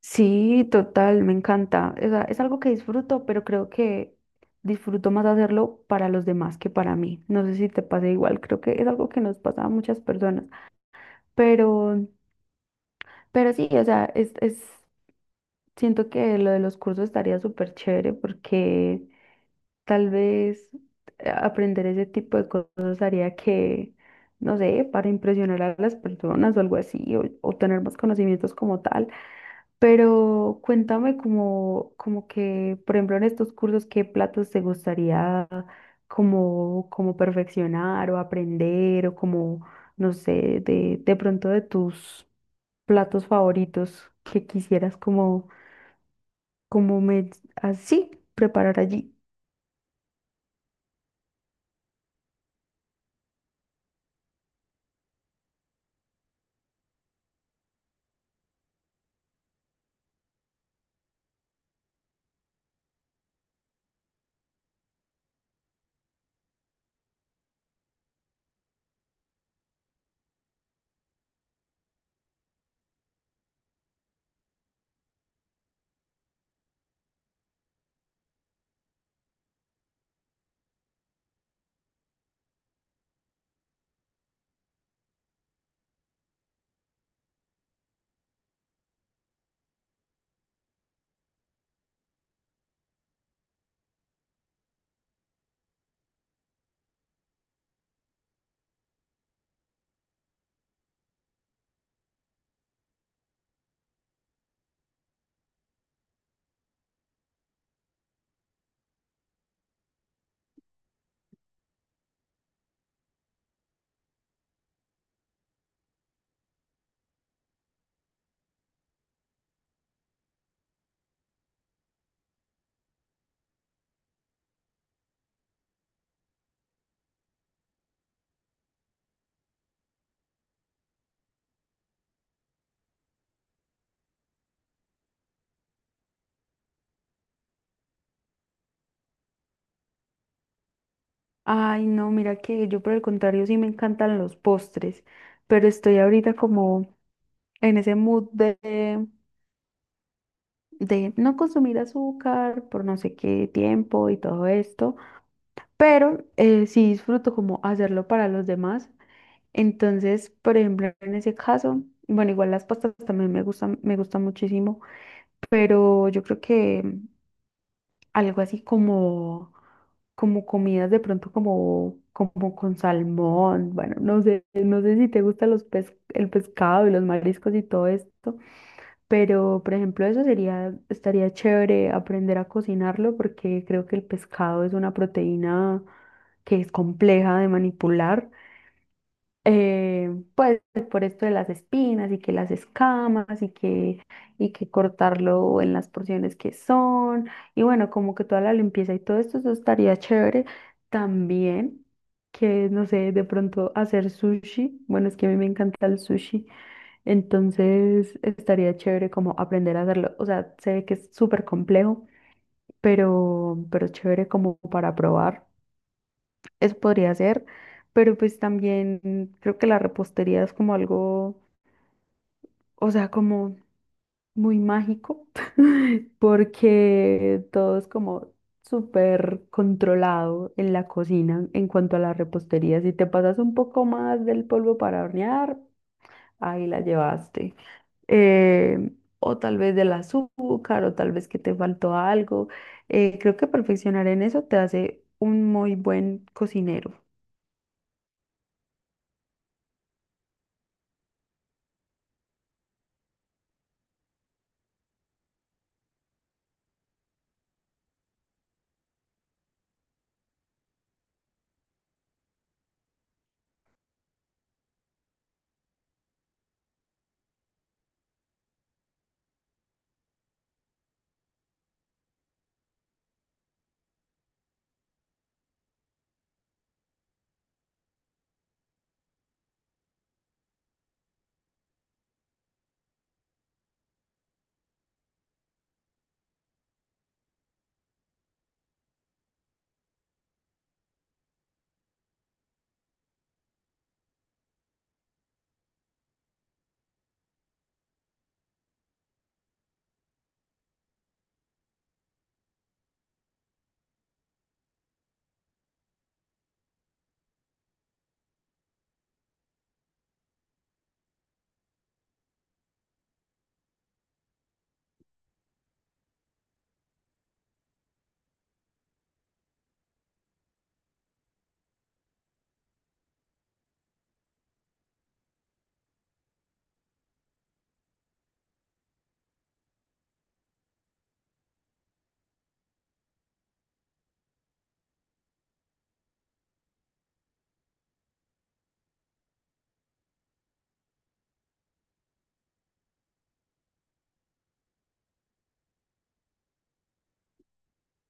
Sí, total, me encanta. O sea, es algo que disfruto, pero creo que disfruto más hacerlo para los demás que para mí. No sé si te pasa igual, creo que es algo que nos pasa a muchas personas. Pero, pero sí, o sea, siento que lo de los cursos estaría súper chévere porque tal vez aprender ese tipo de cosas haría que, no sé, para impresionar a las personas o algo así, o tener más conocimientos como tal. Pero cuéntame como, como que, por ejemplo, en estos cursos, ¿qué platos te gustaría como, como perfeccionar o aprender o como, no sé, de pronto de tus platos favoritos que quisieras como, como me, así preparar allí? Ay, no, mira que yo por el contrario sí me encantan los postres, pero estoy ahorita como en ese mood de no consumir azúcar por no sé qué tiempo y todo esto, pero sí disfruto como hacerlo para los demás. Entonces, por ejemplo, en ese caso, bueno, igual las pastas también me gustan muchísimo, pero yo creo que algo así como, como comidas de pronto como, como con salmón, bueno, no sé, no sé si te gusta los el pescado y los mariscos y todo esto. Pero, por ejemplo, eso sería, estaría chévere aprender a cocinarlo porque creo que el pescado es una proteína que es compleja de manipular. eh, pues por esto de las espinas y que las escamas y que cortarlo en las porciones que son. Y bueno, como que toda la limpieza y todo esto, eso estaría chévere. También que, no sé, de pronto hacer sushi. Bueno, es que a mí me encanta el sushi. Entonces estaría chévere como aprender a hacerlo. O sea, sé que es súper complejo, pero es chévere como para probar. Eso podría ser, pero pues también creo que la repostería es como algo, o sea, como muy mágico, porque todo es como súper controlado en la cocina en cuanto a la repostería. Si te pasas un poco más del polvo para hornear, ahí la llevaste. eh, o tal vez del azúcar, o tal vez que te faltó algo. Creo que perfeccionar en eso te hace un muy buen cocinero.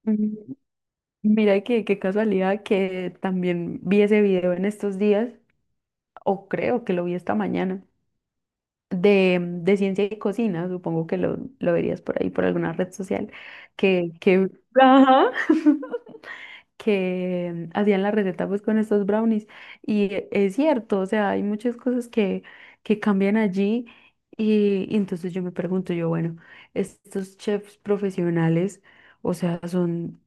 Mm. Mira que qué casualidad que también vi ese video en estos días, o creo que lo vi esta mañana, de, de ciencia y cocina, supongo que lo verías por ahí, por alguna red social, que, que, ajá. Que hacían la receta pues con estos brownies. Y es cierto, o sea, hay muchas cosas que cambian allí. Y entonces yo me pregunto, yo, bueno, estos chefs profesionales, o sea,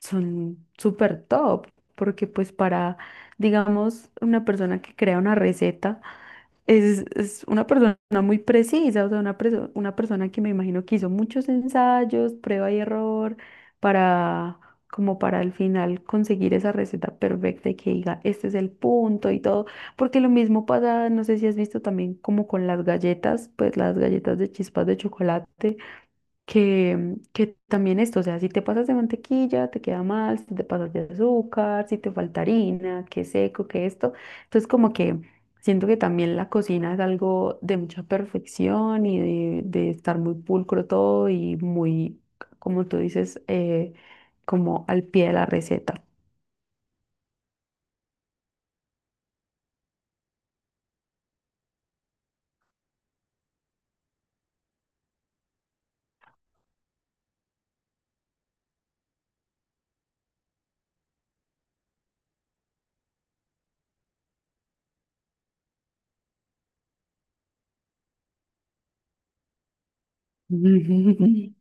son súper top, porque pues para, digamos, una persona que crea una receta, es una persona muy precisa, o sea, una, una persona que me imagino que hizo muchos ensayos, prueba y error, para, como para al final conseguir esa receta perfecta y que diga, este es el punto y todo, porque lo mismo pasa, no sé si has visto también como con las galletas, pues las galletas de chispas de chocolate que también esto, o sea, si te pasas de mantequilla, te queda mal, si te pasas de azúcar, si te falta harina, que seco, que esto. Entonces, como que siento que también la cocina es algo de mucha perfección y de estar muy pulcro todo y muy, como tú dices, como al pie de la receta. Ujú.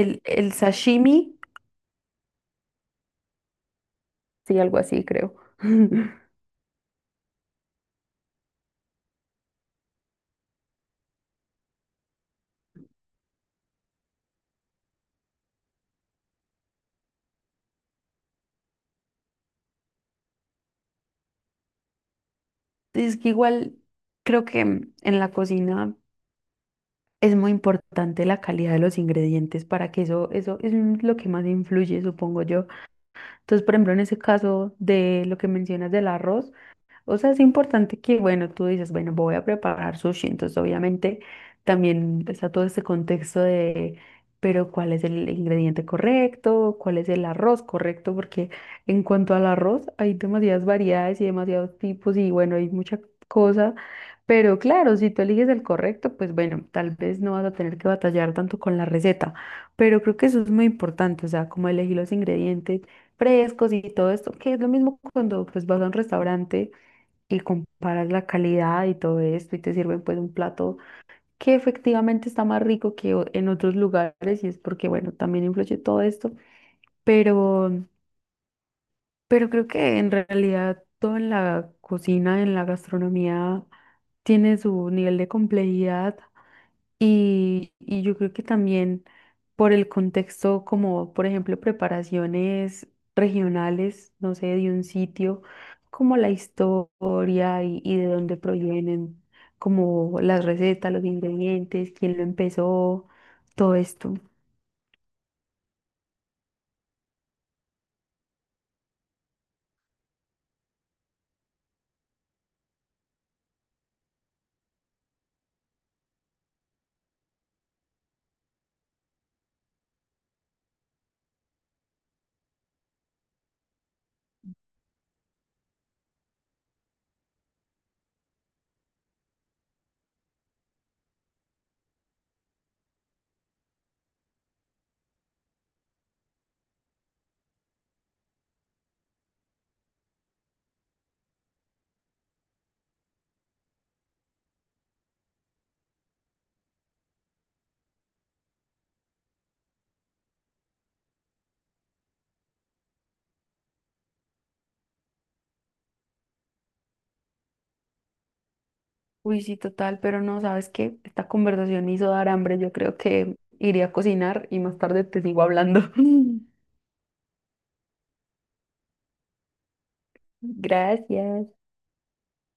El sashimi, sí, algo así, creo. Es que igual creo que en la cocina. Es muy importante la calidad de los ingredientes para que eso es lo que más influye, supongo yo. Entonces, por ejemplo, en ese caso de lo que mencionas del arroz, o sea, es importante que, bueno, tú dices, bueno, voy a preparar sushi, entonces obviamente también está todo ese contexto de, pero ¿cuál es el ingrediente correcto? ¿Cuál es el arroz correcto? Porque en cuanto al arroz, hay demasiadas variedades y demasiados tipos y bueno, hay mucha cosa, pero claro, si tú eliges el correcto, pues bueno, tal vez no vas a tener que batallar tanto con la receta, pero creo que eso es muy importante, o sea, como elegir los ingredientes frescos y todo esto, que es lo mismo cuando pues vas a un restaurante y comparas la calidad y todo esto y te sirven pues un plato que efectivamente está más rico que en otros lugares y es porque bueno, también influye todo esto, pero pero creo que en realidad todo en la cocina, en la gastronomía tiene su nivel de complejidad y yo creo que también por el contexto, como por ejemplo preparaciones regionales, no sé, de un sitio, como la historia y de dónde provienen, como las recetas, los ingredientes, quién lo empezó, todo esto. Uy, sí, total, pero no, ¿sabes qué? Esta conversación me hizo dar hambre, yo creo que iré a cocinar y más tarde te sigo hablando. Gracias.